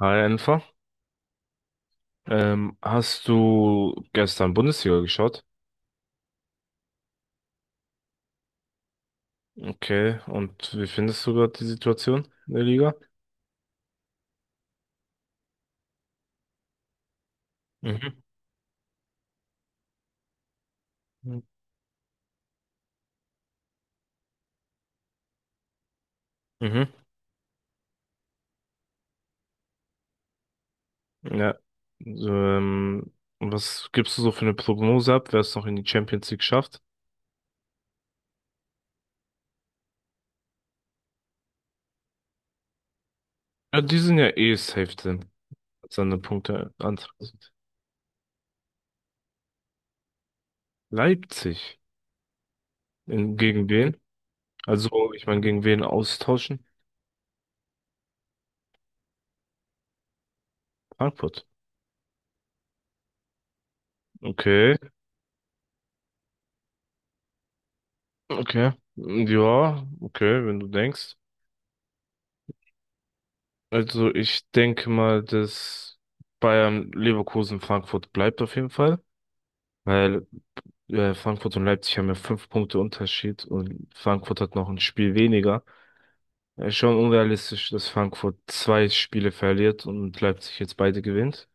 Hi Enfer, hast du gestern Bundesliga geschaut? Okay, und wie findest du gerade die Situation in der Liga? Mhm. Mhm. Ja. so, Ähm, Was gibst du so für eine Prognose ab, wer es noch in die Champions League schafft? Ja, die sind ja eh safe drin, als an den Punkte Antrag sind. Leipzig. In, gegen wen? Also, ich meine, gegen wen austauschen? Frankfurt. Okay, okay. Ja, okay, wenn du denkst. Also ich denke mal, dass Bayern, Leverkusen, Frankfurt bleibt auf jeden Fall, weil Frankfurt und Leipzig haben ja fünf Punkte Unterschied und Frankfurt hat noch ein Spiel weniger. Schon unrealistisch, dass Frankfurt zwei Spiele verliert und Leipzig jetzt beide gewinnt.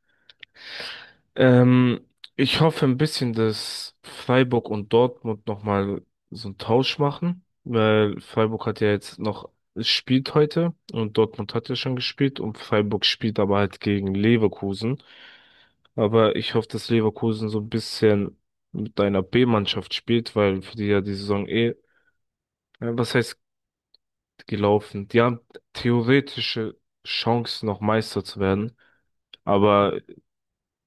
Ähm, Ich hoffe ein bisschen, dass Freiburg und Dortmund nochmal so einen Tausch machen, weil Freiburg hat ja jetzt noch, es spielt heute und Dortmund hat ja schon gespielt und Freiburg spielt aber halt gegen Leverkusen. Aber ich hoffe, dass Leverkusen so ein bisschen mit einer B-Mannschaft spielt, weil für die ja die Saison was heißt gelaufen? Die haben theoretische Chancen, noch Meister zu werden. Aber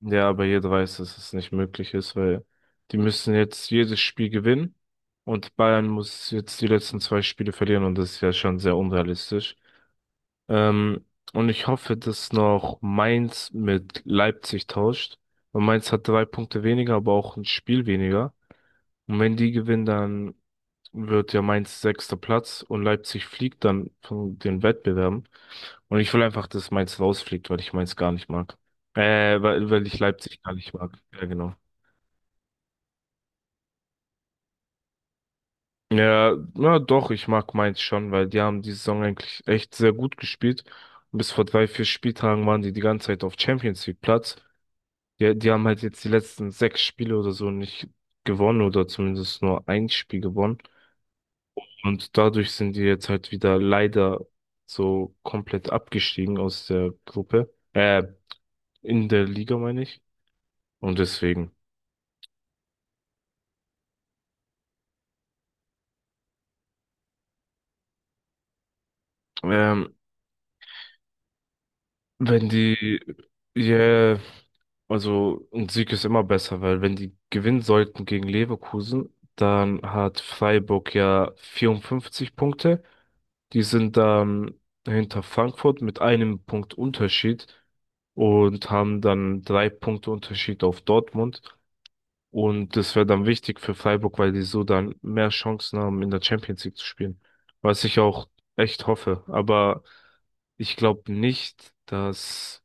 ja, aber jeder weiß, dass es nicht möglich ist, weil die müssen jetzt jedes Spiel gewinnen und Bayern muss jetzt die letzten zwei Spiele verlieren und das ist ja schon sehr unrealistisch. Ähm, und ich hoffe, dass noch Mainz mit Leipzig tauscht. Und Mainz hat drei Punkte weniger, aber auch ein Spiel weniger. Und wenn die gewinnen, dann wird ja Mainz sechster Platz und Leipzig fliegt dann von den Wettbewerben. Und ich will einfach, dass Mainz rausfliegt, weil ich Mainz gar nicht mag. Weil, ich Leipzig gar nicht mag. Ja, genau. Ja, ja, doch, ich mag Mainz schon, weil die haben die Saison eigentlich echt sehr gut gespielt. Und bis vor drei, vier Spieltagen waren die die ganze Zeit auf Champions League Platz. Die haben halt jetzt die letzten sechs Spiele oder so nicht gewonnen oder zumindest nur ein Spiel gewonnen. Und dadurch sind die jetzt halt wieder leider so komplett abgestiegen aus der Gruppe. In der Liga meine ich. Und deswegen, ähm, wenn die, ja, also ein Sieg ist immer besser, weil wenn die gewinnen sollten gegen Leverkusen, dann hat Freiburg ja 54 Punkte. Die sind dann hinter Frankfurt mit einem Punkt Unterschied und haben dann drei Punkte Unterschied auf Dortmund. Und das wäre dann wichtig für Freiburg, weil die so dann mehr Chancen haben, in der Champions League zu spielen. Was ich auch echt hoffe. Aber ich glaube nicht, dass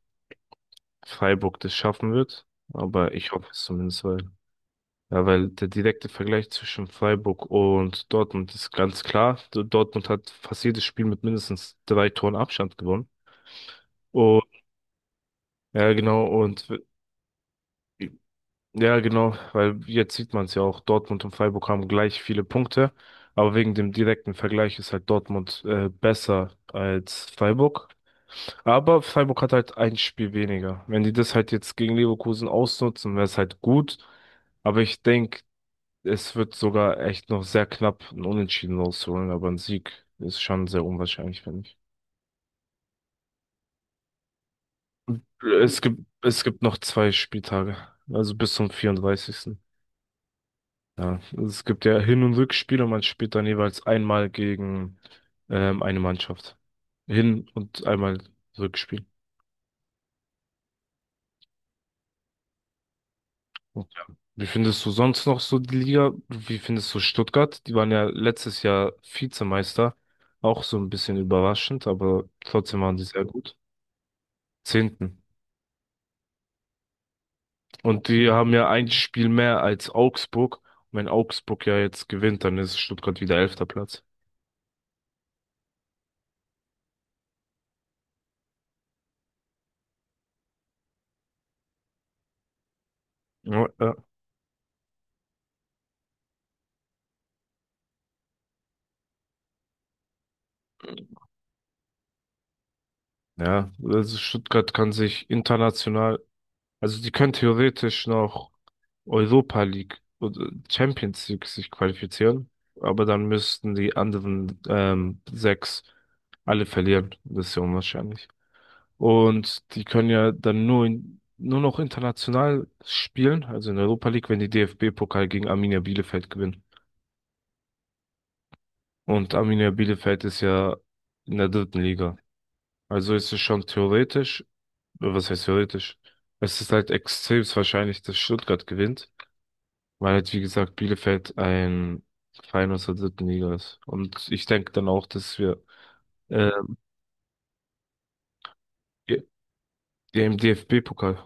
Freiburg das schaffen wird. Aber ich hoffe es zumindest, weil, ja, weil der direkte Vergleich zwischen Freiburg und Dortmund ist ganz klar. Dortmund hat fast jedes Spiel mit mindestens drei Toren Abstand gewonnen. Und ja, genau. Und ja, genau, weil jetzt sieht man es ja auch, Dortmund und Freiburg haben gleich viele Punkte, aber wegen dem direkten Vergleich ist halt Dortmund besser als Freiburg. Aber Freiburg hat halt ein Spiel weniger. Wenn die das halt jetzt gegen Leverkusen ausnutzen, wäre es halt gut. Aber ich denke, es wird sogar echt noch sehr knapp ein Unentschieden rausholen, aber ein Sieg ist schon sehr unwahrscheinlich, finde ich. Es gibt noch zwei Spieltage, also bis zum 34. Ja, also es gibt ja Hin- und rückspiele und man spielt dann jeweils einmal gegen eine Mannschaft. Hin- und einmal Rückspiel. Und ja. Wie findest du sonst noch so die Liga? Wie findest du Stuttgart? Die waren ja letztes Jahr Vizemeister. Auch so ein bisschen überraschend, aber trotzdem waren die sehr gut. Zehnten. Und die haben ja ein Spiel mehr als Augsburg. Und wenn Augsburg ja jetzt gewinnt, dann ist Stuttgart wieder elfter Platz. Ja, ja, also Stuttgart kann sich international. Also die können theoretisch noch Europa League oder Champions League sich qualifizieren, aber dann müssten die anderen sechs alle verlieren. Das ist ja unwahrscheinlich. Und die können ja dann nur noch international spielen, also in Europa League, wenn die DFB-Pokal gegen Arminia Bielefeld gewinnen. Und Arminia Bielefeld ist ja in der dritten Liga. Also ist es schon theoretisch, was heißt theoretisch? Es ist halt extrem wahrscheinlich, dass Stuttgart gewinnt. Weil jetzt, wie gesagt, Bielefeld ein Verein aus der dritten Liga ist. Und ich denke dann auch, dass wir ähm, ja, ja, im DFB-Pokal.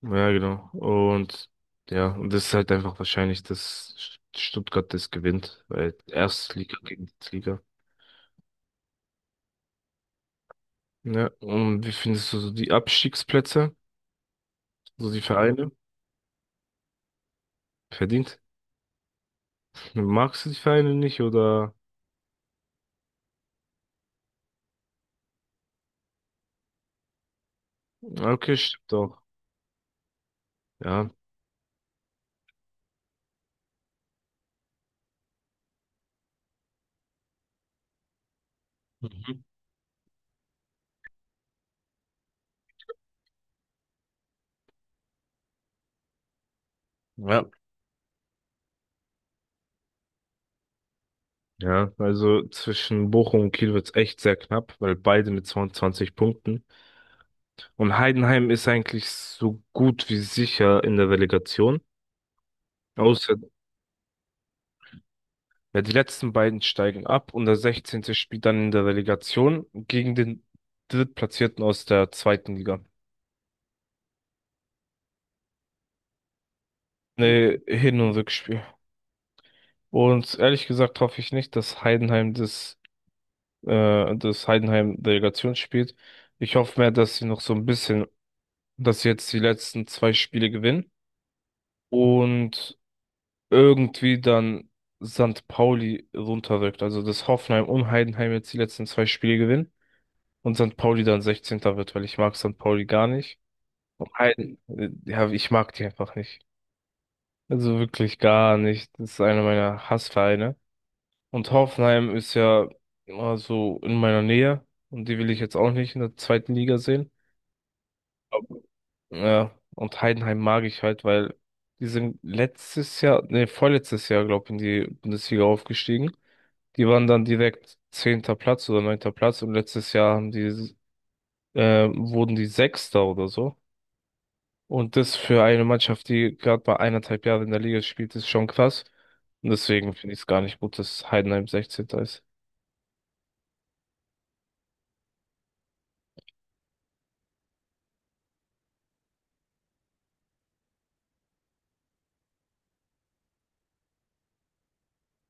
Ja, genau. Und ja, und das ist halt einfach wahrscheinlich, dass Stuttgart das gewinnt, weil Erstliga gegen Drittliga. Ja, und wie findest du so die Abstiegsplätze, so die Vereine? Verdient? Magst du die Vereine nicht oder? Ah, okay, stimmt doch. Ja. Mhm. Ja, ja, also zwischen Bochum und Kiel wird's echt sehr knapp, weil beide mit 22 Punkten. Und Heidenheim ist eigentlich so gut wie sicher in der Relegation. Ja. Außer, ja, die letzten beiden steigen ab und der 16. spielt dann in der Relegation gegen den Drittplatzierten aus der zweiten Liga. Mhm. Nee, Hin- und Rückspiel. Und ehrlich gesagt hoffe ich nicht, dass Heidenheim das, das Heidenheim Relegation spielt. Ich hoffe mehr, dass sie noch so ein bisschen, dass sie jetzt die letzten zwei Spiele gewinnen und irgendwie dann St. Pauli runterrückt. Also dass Hoffenheim und Heidenheim jetzt die letzten zwei Spiele gewinnen und St. Pauli dann sechzehnter wird, weil ich mag St. Pauli gar nicht. Und ja, ich mag die einfach nicht. Also wirklich gar nicht. Das ist einer meiner Hassvereine. Und Hoffenheim ist ja immer so in meiner Nähe und die will ich jetzt auch nicht in der zweiten Liga sehen. Ja, und Heidenheim mag ich halt, weil die sind letztes Jahr, nee, vorletztes Jahr, glaube ich, in die Bundesliga aufgestiegen. Die waren dann direkt zehnter Platz oder neunter Platz und letztes Jahr haben die, wurden die Sechster oder so. Und das für eine Mannschaft, die gerade bei eineinhalb Jahren in der Liga spielt, ist schon krass. Und deswegen finde ich es gar nicht gut, dass Heidenheim sechzehnter ist.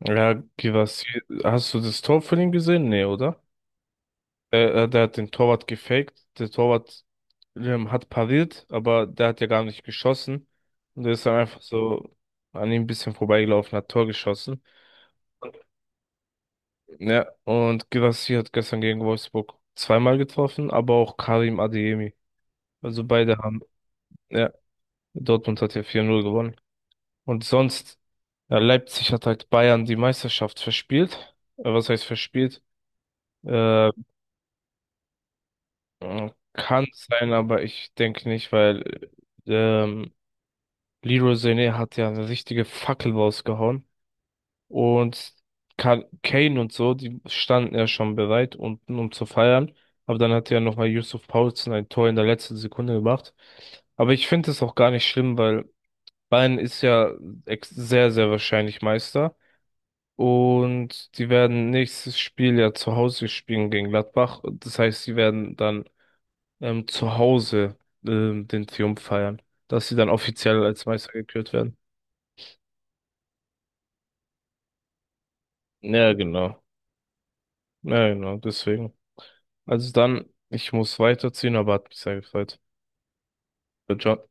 Ja, Givas, hast du das Tor von ihm gesehen? Nee, oder? Der hat den Torwart gefaked. Der Torwart hat pariert, aber der hat ja gar nicht geschossen. Und der ist dann einfach so an ihm ein bisschen vorbeigelaufen, hat Tor geschossen. Ja, und Guirassy hat gestern gegen Wolfsburg zweimal getroffen, aber auch Karim Adeyemi. Also beide haben, ja, Dortmund hat ja 4:0 gewonnen. Und sonst, ja, Leipzig hat halt Bayern die Meisterschaft verspielt. Was heißt verspielt? Äh, Kann sein, aber ich denke nicht, weil ähm, Leroy Sané hat ja eine richtige Fackel rausgehauen. Und Kane und so, die standen ja schon bereit, unten, um zu feiern. Aber dann hat ja nochmal Yusuf Poulsen ein Tor in der letzten Sekunde gemacht. Aber ich finde es auch gar nicht schlimm, weil Bayern ist ja sehr, sehr wahrscheinlich Meister. Und die werden nächstes Spiel ja zu Hause spielen gegen Gladbach. Das heißt, sie werden dann zu Hause den Triumph feiern, dass sie dann offiziell als Meister gekürt werden. Ja, genau. Ja, genau, deswegen. Also dann, ich muss weiterziehen, aber hat mich sehr gefreut. Ciao.